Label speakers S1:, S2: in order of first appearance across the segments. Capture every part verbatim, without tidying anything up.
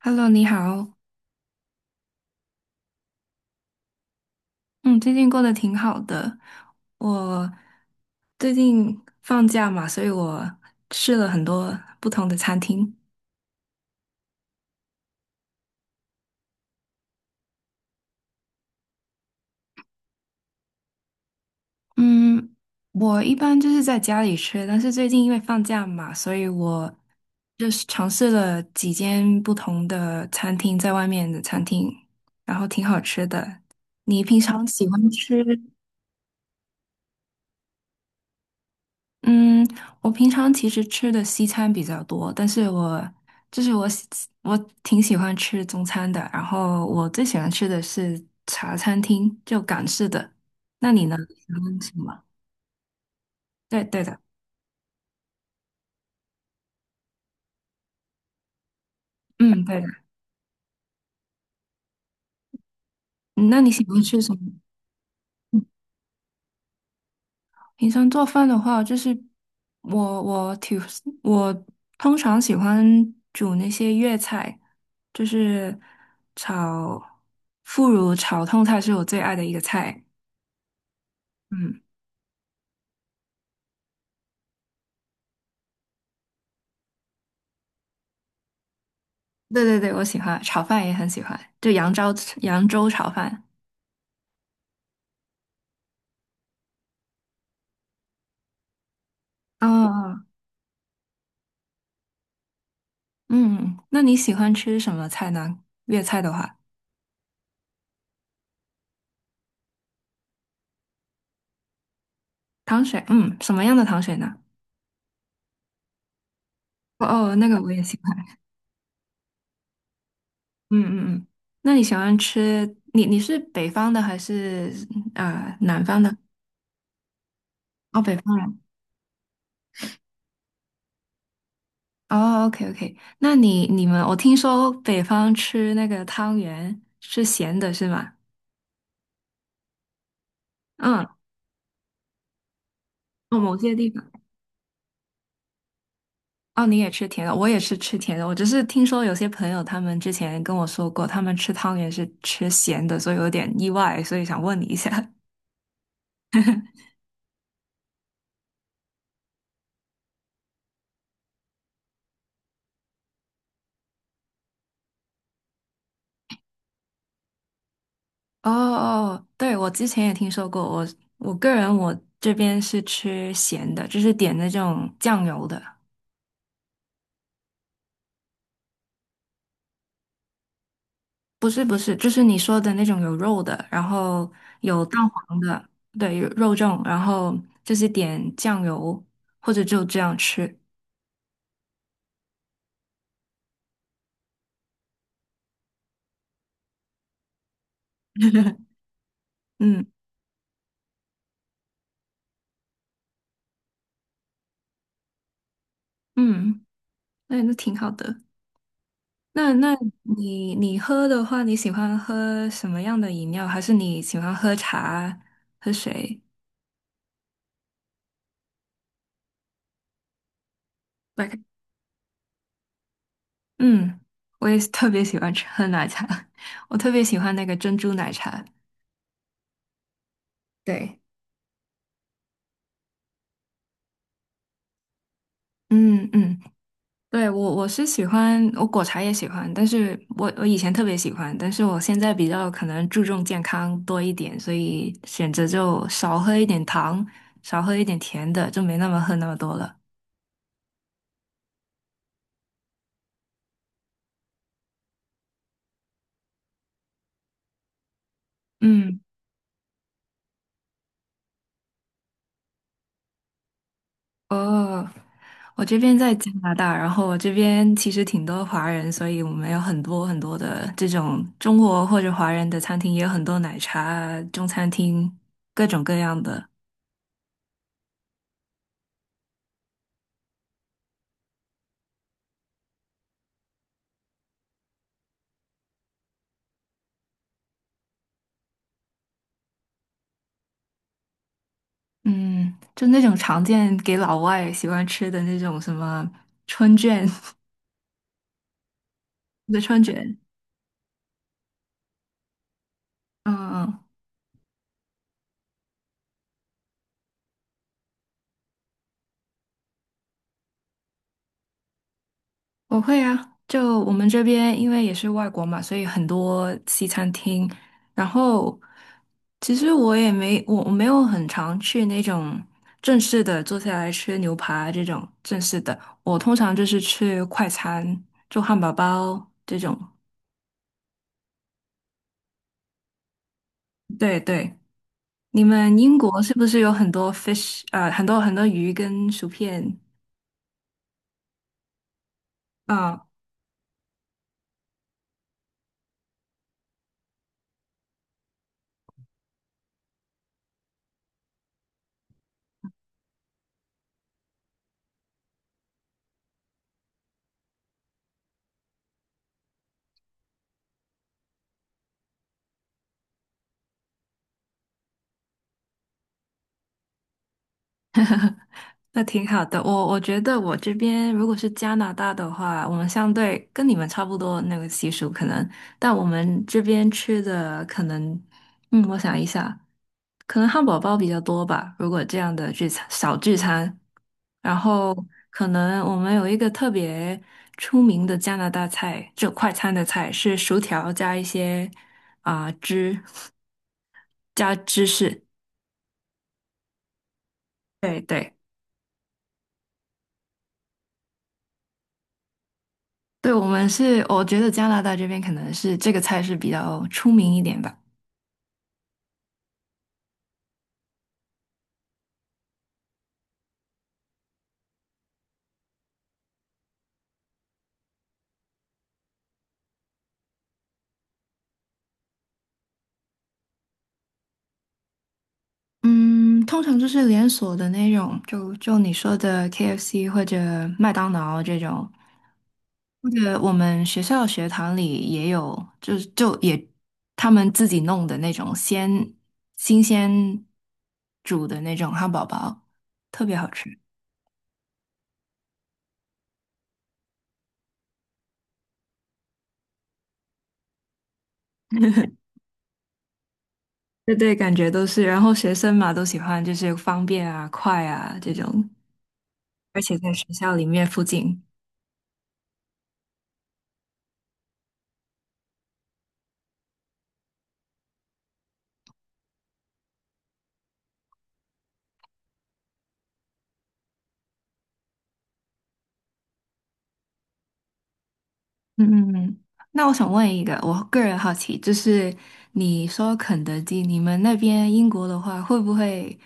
S1: Hello，你好。嗯，最近过得挺好的。我最近放假嘛，所以我试了很多不同的餐厅。嗯，我一般就是在家里吃，但是最近因为放假嘛，所以我就是尝试了几间不同的餐厅，在外面的餐厅，然后挺好吃的。你平常喜欢吃？嗯，我平常其实吃的西餐比较多，但是我就是我喜我挺喜欢吃中餐的，然后我最喜欢吃的是茶餐厅，就港式的。那你呢？你喜欢什么？对对的，嗯，对的。嗯，那你喜欢吃什么？平常做饭的话，就是我我挺我通常喜欢煮那些粤菜，就是炒腐乳炒通菜是我最爱的一个菜。嗯。对对对，我喜欢炒饭也很喜欢，就扬州扬州炒饭。哦，嗯，那你喜欢吃什么菜呢？粤菜的话，糖水，嗯，什么样的糖水呢？哦哦，那个我也喜欢。嗯嗯嗯，那你喜欢吃？你你是北方的还是呃南方的？哦，北方人。哦，OK OK，那你你们，我听说北方吃那个汤圆是咸的，是吗？嗯，哦，某些地方。哦，你也吃甜的，我也是吃甜的。我只是听说有些朋友他们之前跟我说过，他们吃汤圆是吃咸的，所以有点意外，所以想问你一下。哦哦，对，我之前也听说过，我我个人我这边是吃咸的，就是点那种酱油的，不是不是，就是你说的那种有肉的，然后有蛋黄的，对，有肉粽，然后就是点酱油或者就这样吃。嗯嗯，对，那挺好的。那那你你喝的话，你喜欢喝什么样的饮料？还是你喜欢喝茶、喝水？白开嗯，我也是特别喜欢吃喝奶茶，我特别喜欢那个珍珠奶茶。对，嗯嗯，对，我我是喜欢，我果茶也喜欢，但是我我以前特别喜欢，但是我现在比较可能注重健康多一点，所以选择就少喝一点糖，少喝一点甜的，就没那么喝那么多了。嗯。哦，我这边在加拿大，然后我这边其实挺多华人，所以我们有很多很多的这种中国或者华人的餐厅，也有很多奶茶啊中餐厅，各种各样的。嗯，就那种常见给老外喜欢吃的那种什么春卷，的春卷。嗯嗯。我会啊，就我们这边因为也是外国嘛，所以很多西餐厅。然后其实我也没我我没有很常去那种正式的坐下来吃牛排这种正式的，我通常就是吃快餐，做汉堡包这种。对对，你们英国是不是有很多 fish 啊？很多很多鱼跟薯片？啊？那挺好的，我我觉得我这边如果是加拿大的话，我们相对跟你们差不多那个习俗可能，但我们这边吃的可能，嗯，我想一下，可能汉堡包比较多吧，如果这样的聚餐小聚餐，然后可能我们有一个特别出名的加拿大菜，就快餐的菜是薯条加一些啊、汁加芝士，对对。对，我们是，我觉得加拿大这边可能是这个菜是比较出名一点吧。嗯，通常就是连锁的那种，就就你说的 K F C 或者麦当劳这种，或者我们学校学堂里也有，就是就也他们自己弄的那种鲜新鲜煮的那种汉堡包，特别好吃。对对，感觉都是，然后学生嘛都喜欢，就是方便啊、快啊这种，而且在学校里面附近。嗯嗯嗯，那我想问一个，我个人好奇，就是你说肯德基，你们那边英国的话，会不会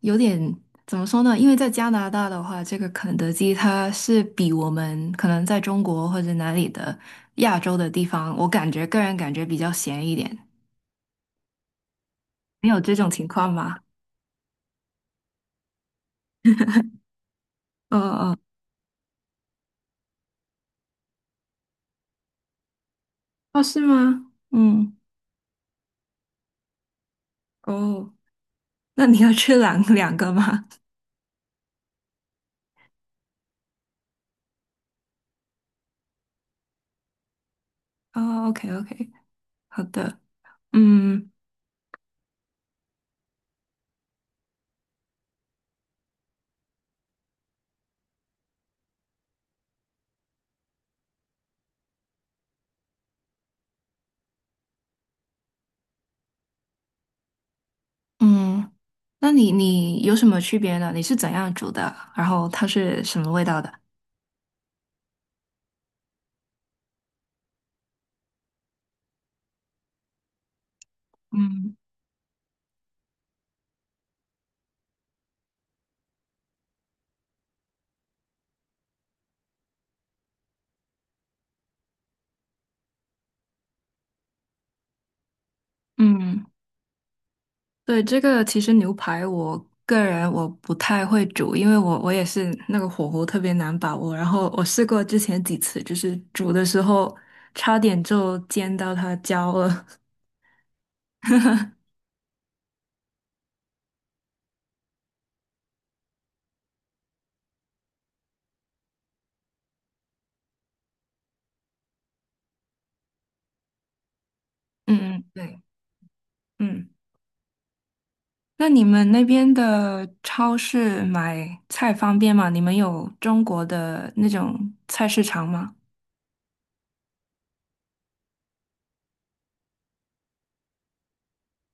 S1: 有点怎么说呢？因为在加拿大的话，这个肯德基它是比我们可能在中国或者哪里的亚洲的地方，我感觉个人感觉比较咸一点。你有这种情况吗？嗯嗯，哦，是吗？嗯，哦，那你要吃两两个吗？哦，OK OK，好的，嗯。嗯，那你你有什么区别呢？你是怎样煮的？然后它是什么味道的？嗯嗯，对，这个其实牛排我个人我不太会煮，因为我我也是那个火候特别难把握。然后我试过之前几次，就是煮的时候差点就煎到它焦了。嗯嗯，对，嗯。那你们那边的超市买菜方便吗？你们有中国的那种菜市场吗？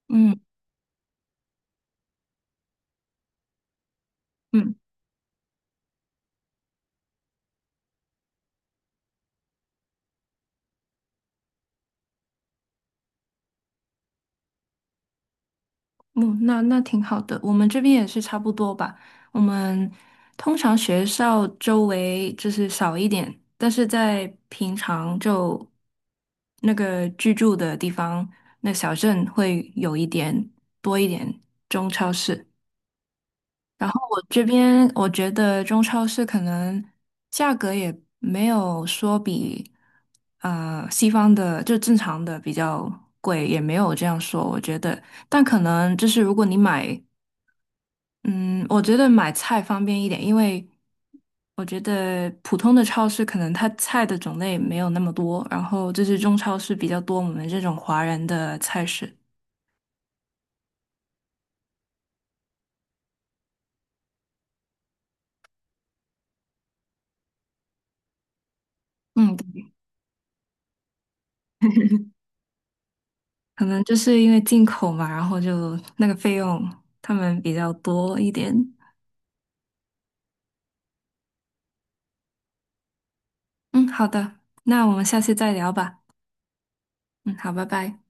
S1: 嗯嗯。嗯，那那挺好的，我们这边也是差不多吧。我们通常学校周围就是少一点，但是在平常就那个居住的地方，那小镇会有一点多一点中超市。然后我这边我觉得中超市可能价格也没有说比呃西方的就正常的比较贵，也没有这样说，我觉得。但可能就是如果你买嗯，我觉得买菜方便一点，因为我觉得普通的超市可能它菜的种类没有那么多，然后就是中超市比较多我们这种华人的菜市。嗯，可能就是因为进口嘛，然后就那个费用他们比较多一点。嗯，好的，那我们下次再聊吧。嗯，好，拜拜。